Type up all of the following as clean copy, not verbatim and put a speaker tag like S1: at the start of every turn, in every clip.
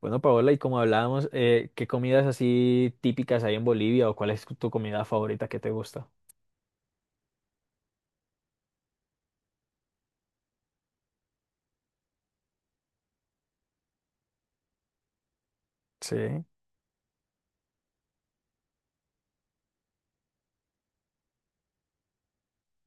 S1: Bueno, Paola, y como hablábamos, ¿qué comidas así típicas hay en Bolivia o cuál es tu comida favorita que te gusta? Sí.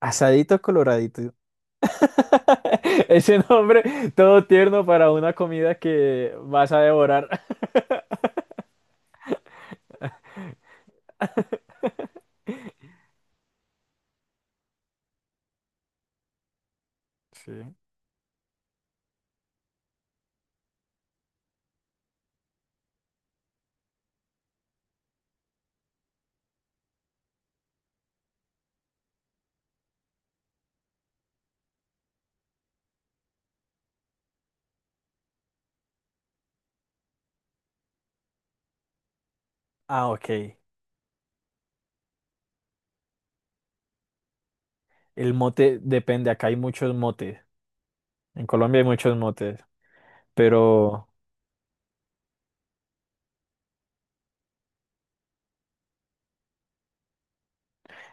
S1: Asadito coloradito. Ese nombre todo tierno para una comida que vas a devorar. Sí. Ah, ok. El mote depende, acá hay muchos motes. En Colombia hay muchos motes, pero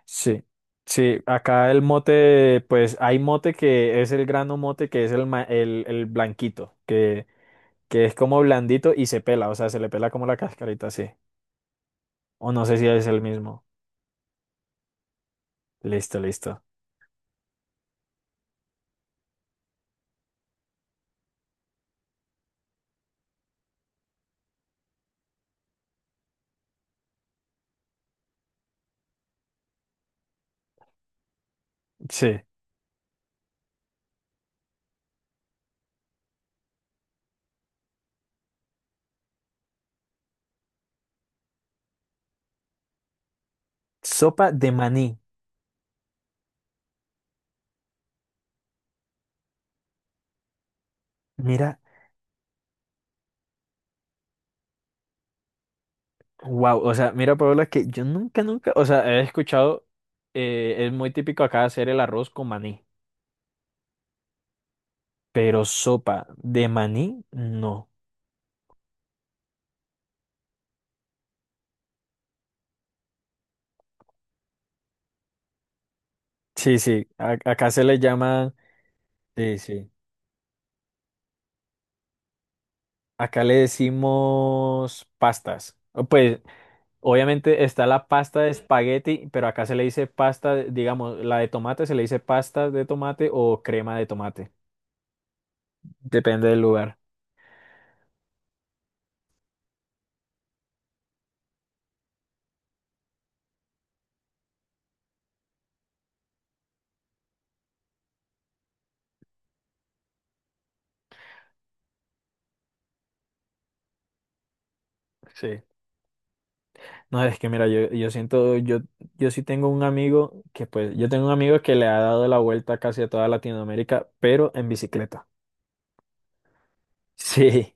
S1: sí. Sí, acá el mote, pues hay mote que es el grano mote, que es el blanquito, que es como blandito y se pela, o sea, se le pela como la cascarita así. O no sé si es el mismo. Listo, listo. Sí. Sopa de maní. Mira, wow, o sea, mira, Paola, que yo nunca, nunca, o sea, he escuchado, es muy típico acá hacer el arroz con maní, pero sopa de maní, no. Sí, sí, acá se le llama, sí, sí, acá le decimos pastas. O, pues obviamente está la pasta de espagueti, pero acá se le dice pasta, digamos, la de tomate se le dice pasta de tomate o crema de tomate. Depende del lugar. Sí. No, es que mira, yo siento, yo tengo un amigo que le ha dado la vuelta casi a toda Latinoamérica, pero en bicicleta. Sí.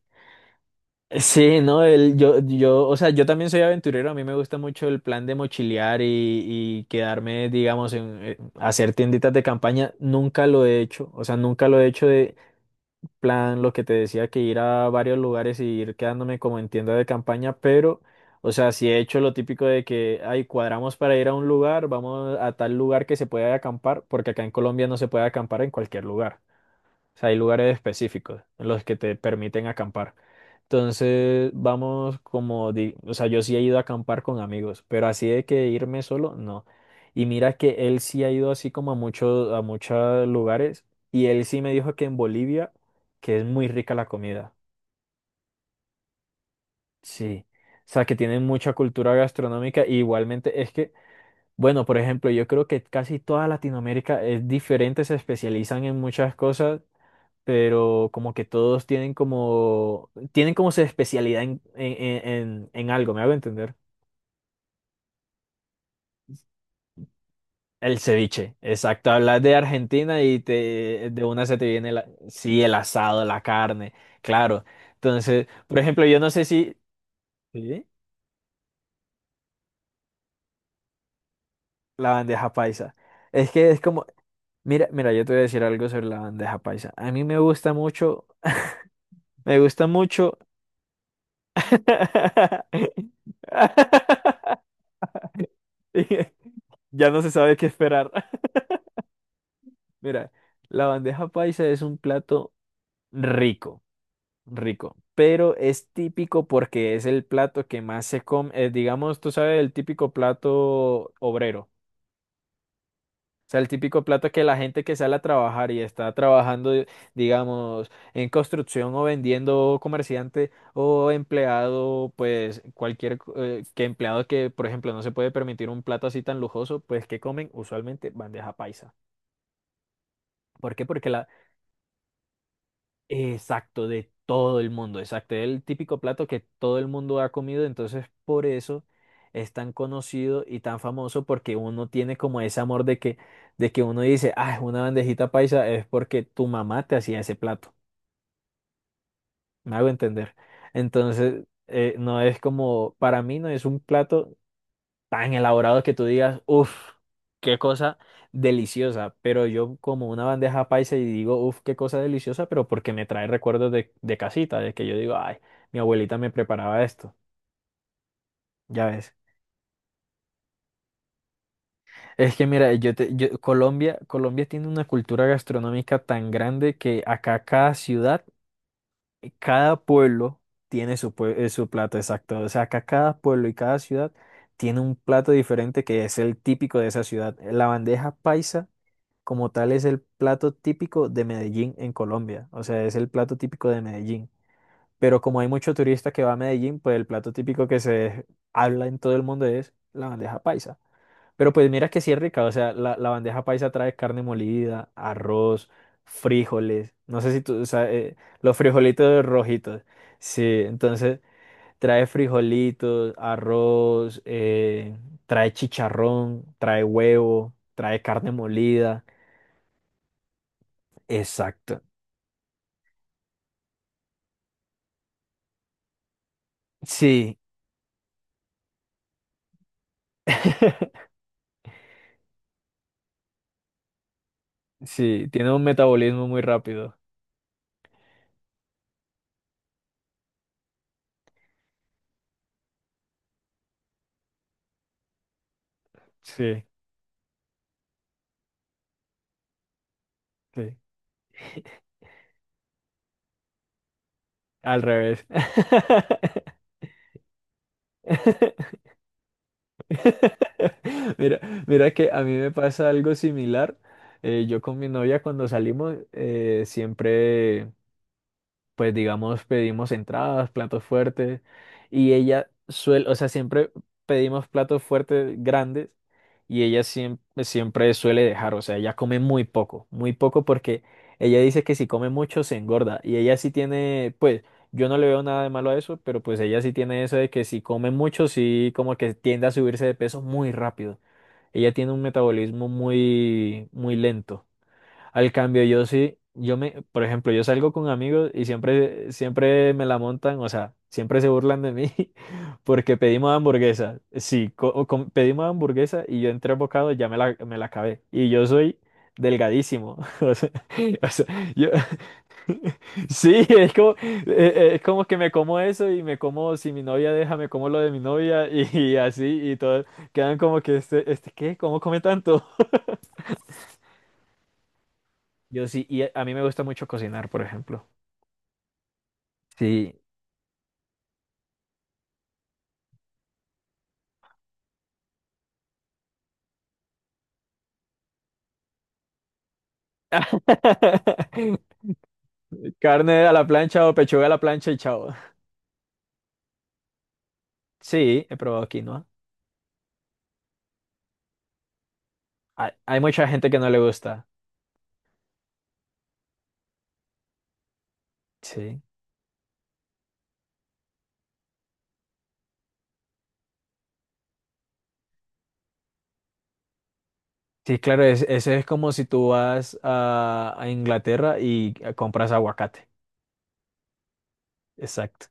S1: Sí, no, o sea, yo también soy aventurero, a mí me gusta mucho el plan de mochilear y quedarme, digamos, hacer tienditas de campaña, nunca lo he hecho, o sea, nunca lo he hecho de plan, lo que te decía, que ir a varios lugares y ir quedándome como en tienda de campaña, pero, o sea, sí he hecho lo típico de que, ay, cuadramos para ir a un lugar, vamos a tal lugar que se pueda acampar, porque acá en Colombia no se puede acampar en cualquier lugar, o sea, hay lugares específicos en los que te permiten acampar. Entonces, vamos como, o sea, yo sí he ido a acampar con amigos, pero así de que irme solo, no. Y mira que él sí ha ido así como a muchos lugares, y él sí me dijo que en Bolivia, que es muy rica la comida. Sí. O sea, que tienen mucha cultura gastronómica, y igualmente es que, bueno, por ejemplo, yo creo que casi toda Latinoamérica es diferente, se especializan en muchas cosas, pero como que todos tienen como, su especialidad en algo, ¿me hago entender? El ceviche, exacto. Hablas de Argentina y de una se te viene, sí, el asado, la carne, claro. Entonces, por ejemplo, yo no sé si. ¿Sí? La bandeja paisa. Es que es como. Mira, mira, yo te voy a decir algo sobre la bandeja paisa. A mí me gusta mucho, me gusta mucho. Ya no se sabe qué esperar. Mira, la bandeja paisa es un plato rico, rico, pero es típico porque es el plato que más se come, digamos, tú sabes, el típico plato obrero. O sea, el típico plato que la gente que sale a trabajar y está trabajando, digamos, en construcción o vendiendo comerciante o empleado, pues cualquier que empleado que, por ejemplo, no se puede permitir un plato así tan lujoso, pues que comen usualmente bandeja paisa. ¿Por qué? Porque la, exacto, de todo el mundo, exacto, es el típico plato que todo el mundo ha comido, entonces por eso es tan conocido y tan famoso porque uno tiene como ese amor de que, uno dice, ah, una bandejita paisa es porque tu mamá te hacía ese plato, me hago entender. Entonces, no es como, para mí no es un plato tan elaborados que tú digas, uff, qué cosa deliciosa. Pero yo como una bandeja paisa y digo, uff, qué cosa deliciosa, pero porque me trae recuerdos de casita, de que yo digo, ay, mi abuelita me preparaba esto. Ya ves. Es que mira, Colombia tiene una cultura gastronómica tan grande que acá cada ciudad, cada pueblo tiene su plato exacto. O sea, acá cada pueblo y cada ciudad tiene un plato diferente que es el típico de esa ciudad. La bandeja paisa como tal es el plato típico de Medellín en Colombia, o sea, es el plato típico de Medellín. Pero como hay mucho turista que va a Medellín, pues el plato típico que se habla en todo el mundo es la bandeja paisa. Pero pues mira que sí es rica, o sea, la bandeja paisa trae carne molida, arroz, frijoles, no sé si tú, o sea, los frijolitos rojitos, sí, entonces trae frijolitos, arroz, trae chicharrón, trae huevo, trae carne molida. Exacto. Sí, sí, tiene un metabolismo muy rápido. Sí, sí, al revés. Mira, mira que a mí me pasa algo similar. Yo con mi novia cuando salimos siempre. Pues digamos, pedimos entradas, platos fuertes, y ella suele, o sea, siempre pedimos platos fuertes grandes y ella siempre, siempre suele dejar, o sea, ella come muy poco porque ella dice que si come mucho se engorda y ella sí tiene, pues, yo no le veo nada de malo a eso, pero pues ella sí tiene eso de que si come mucho, sí como que tiende a subirse de peso muy rápido. Ella tiene un metabolismo muy, muy lento. Al cambio, yo sí, yo me, por ejemplo, yo salgo con amigos y siempre, siempre me la montan, o sea, siempre se burlan de mí porque pedimos hamburguesa. Sí, pedimos hamburguesa y yo en tres bocados ya me la acabé. Y yo soy delgadísimo. o sea, yo, sí, es como que me como eso y me como, si mi novia deja, me como lo de mi novia y así y todo. Quedan como que, ¿qué? ¿Cómo come tanto? Yo sí, y a mí me gusta mucho cocinar, por ejemplo. Sí, carne a la plancha o pechuga a la plancha y chao. Sí, he probado quinoa. Hay mucha gente que no le gusta. Sí. Sí, claro, eso es como si tú vas a Inglaterra y compras aguacate. Exacto.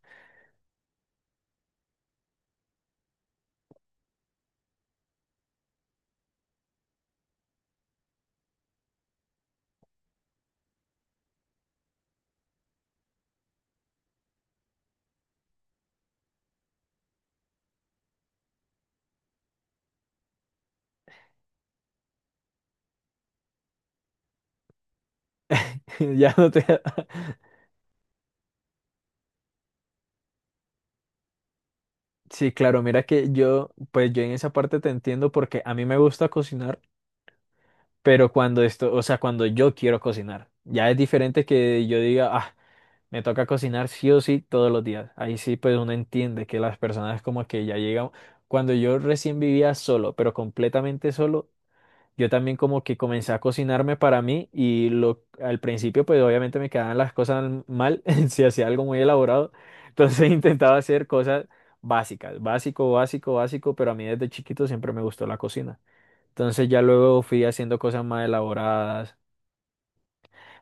S1: Ya no te. Sí, claro, mira que yo, pues yo en esa parte te entiendo porque a mí me gusta cocinar, pero cuando esto, o sea, cuando yo quiero cocinar, ya es diferente que yo diga, ah, me toca cocinar sí o sí todos los días. Ahí sí, pues uno entiende que las personas como que ya llegan. Cuando yo recién vivía solo, pero completamente solo, yo también como que comencé a cocinarme para mí y lo, al principio pues obviamente me quedaban las cosas mal si hacía algo muy elaborado. Entonces intentaba hacer cosas básicas, básico, básico, básico, pero a mí desde chiquito siempre me gustó la cocina. Entonces ya luego fui haciendo cosas más elaboradas.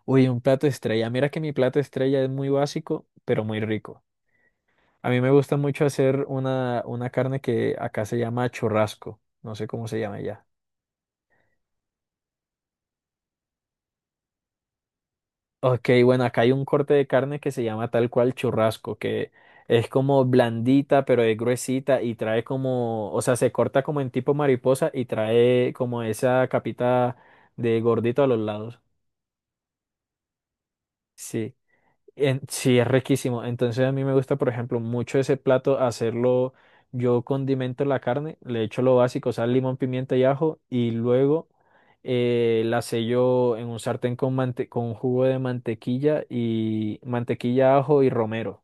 S1: Uy, un plato estrella. Mira que mi plato estrella es muy básico, pero muy rico. A mí me gusta mucho hacer una carne que acá se llama churrasco. No sé cómo se llama ya. Ok, bueno, acá hay un corte de carne que se llama tal cual churrasco, que es como blandita, pero es gruesita y trae como, o sea, se corta como en tipo mariposa y trae como esa capita de gordito a los lados. Sí. Sí, es riquísimo. Entonces a mí me gusta, por ejemplo, mucho ese plato hacerlo. Yo condimento la carne, le echo lo básico, sal, limón, pimienta y ajo, y luego la sello en un sartén con jugo de mantequilla y mantequilla, ajo y romero.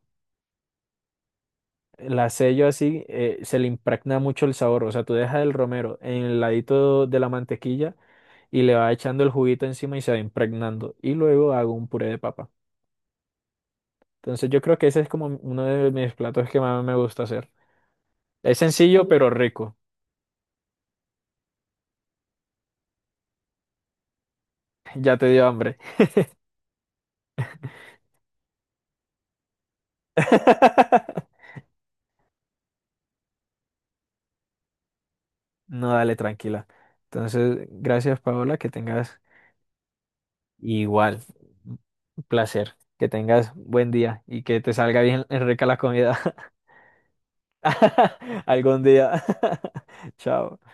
S1: La sello así, se le impregna mucho el sabor. O sea, tú dejas el romero en el ladito de la mantequilla y le vas echando el juguito encima y se va impregnando. Y luego hago un puré de papa. Entonces yo creo que ese es como uno de mis platos que más me gusta hacer. Es sencillo pero rico. Ya te dio hambre. No, dale, tranquila. Entonces, gracias Paola, que tengas igual un placer, que tengas buen día y que te salga bien rica la comida algún día. Chao.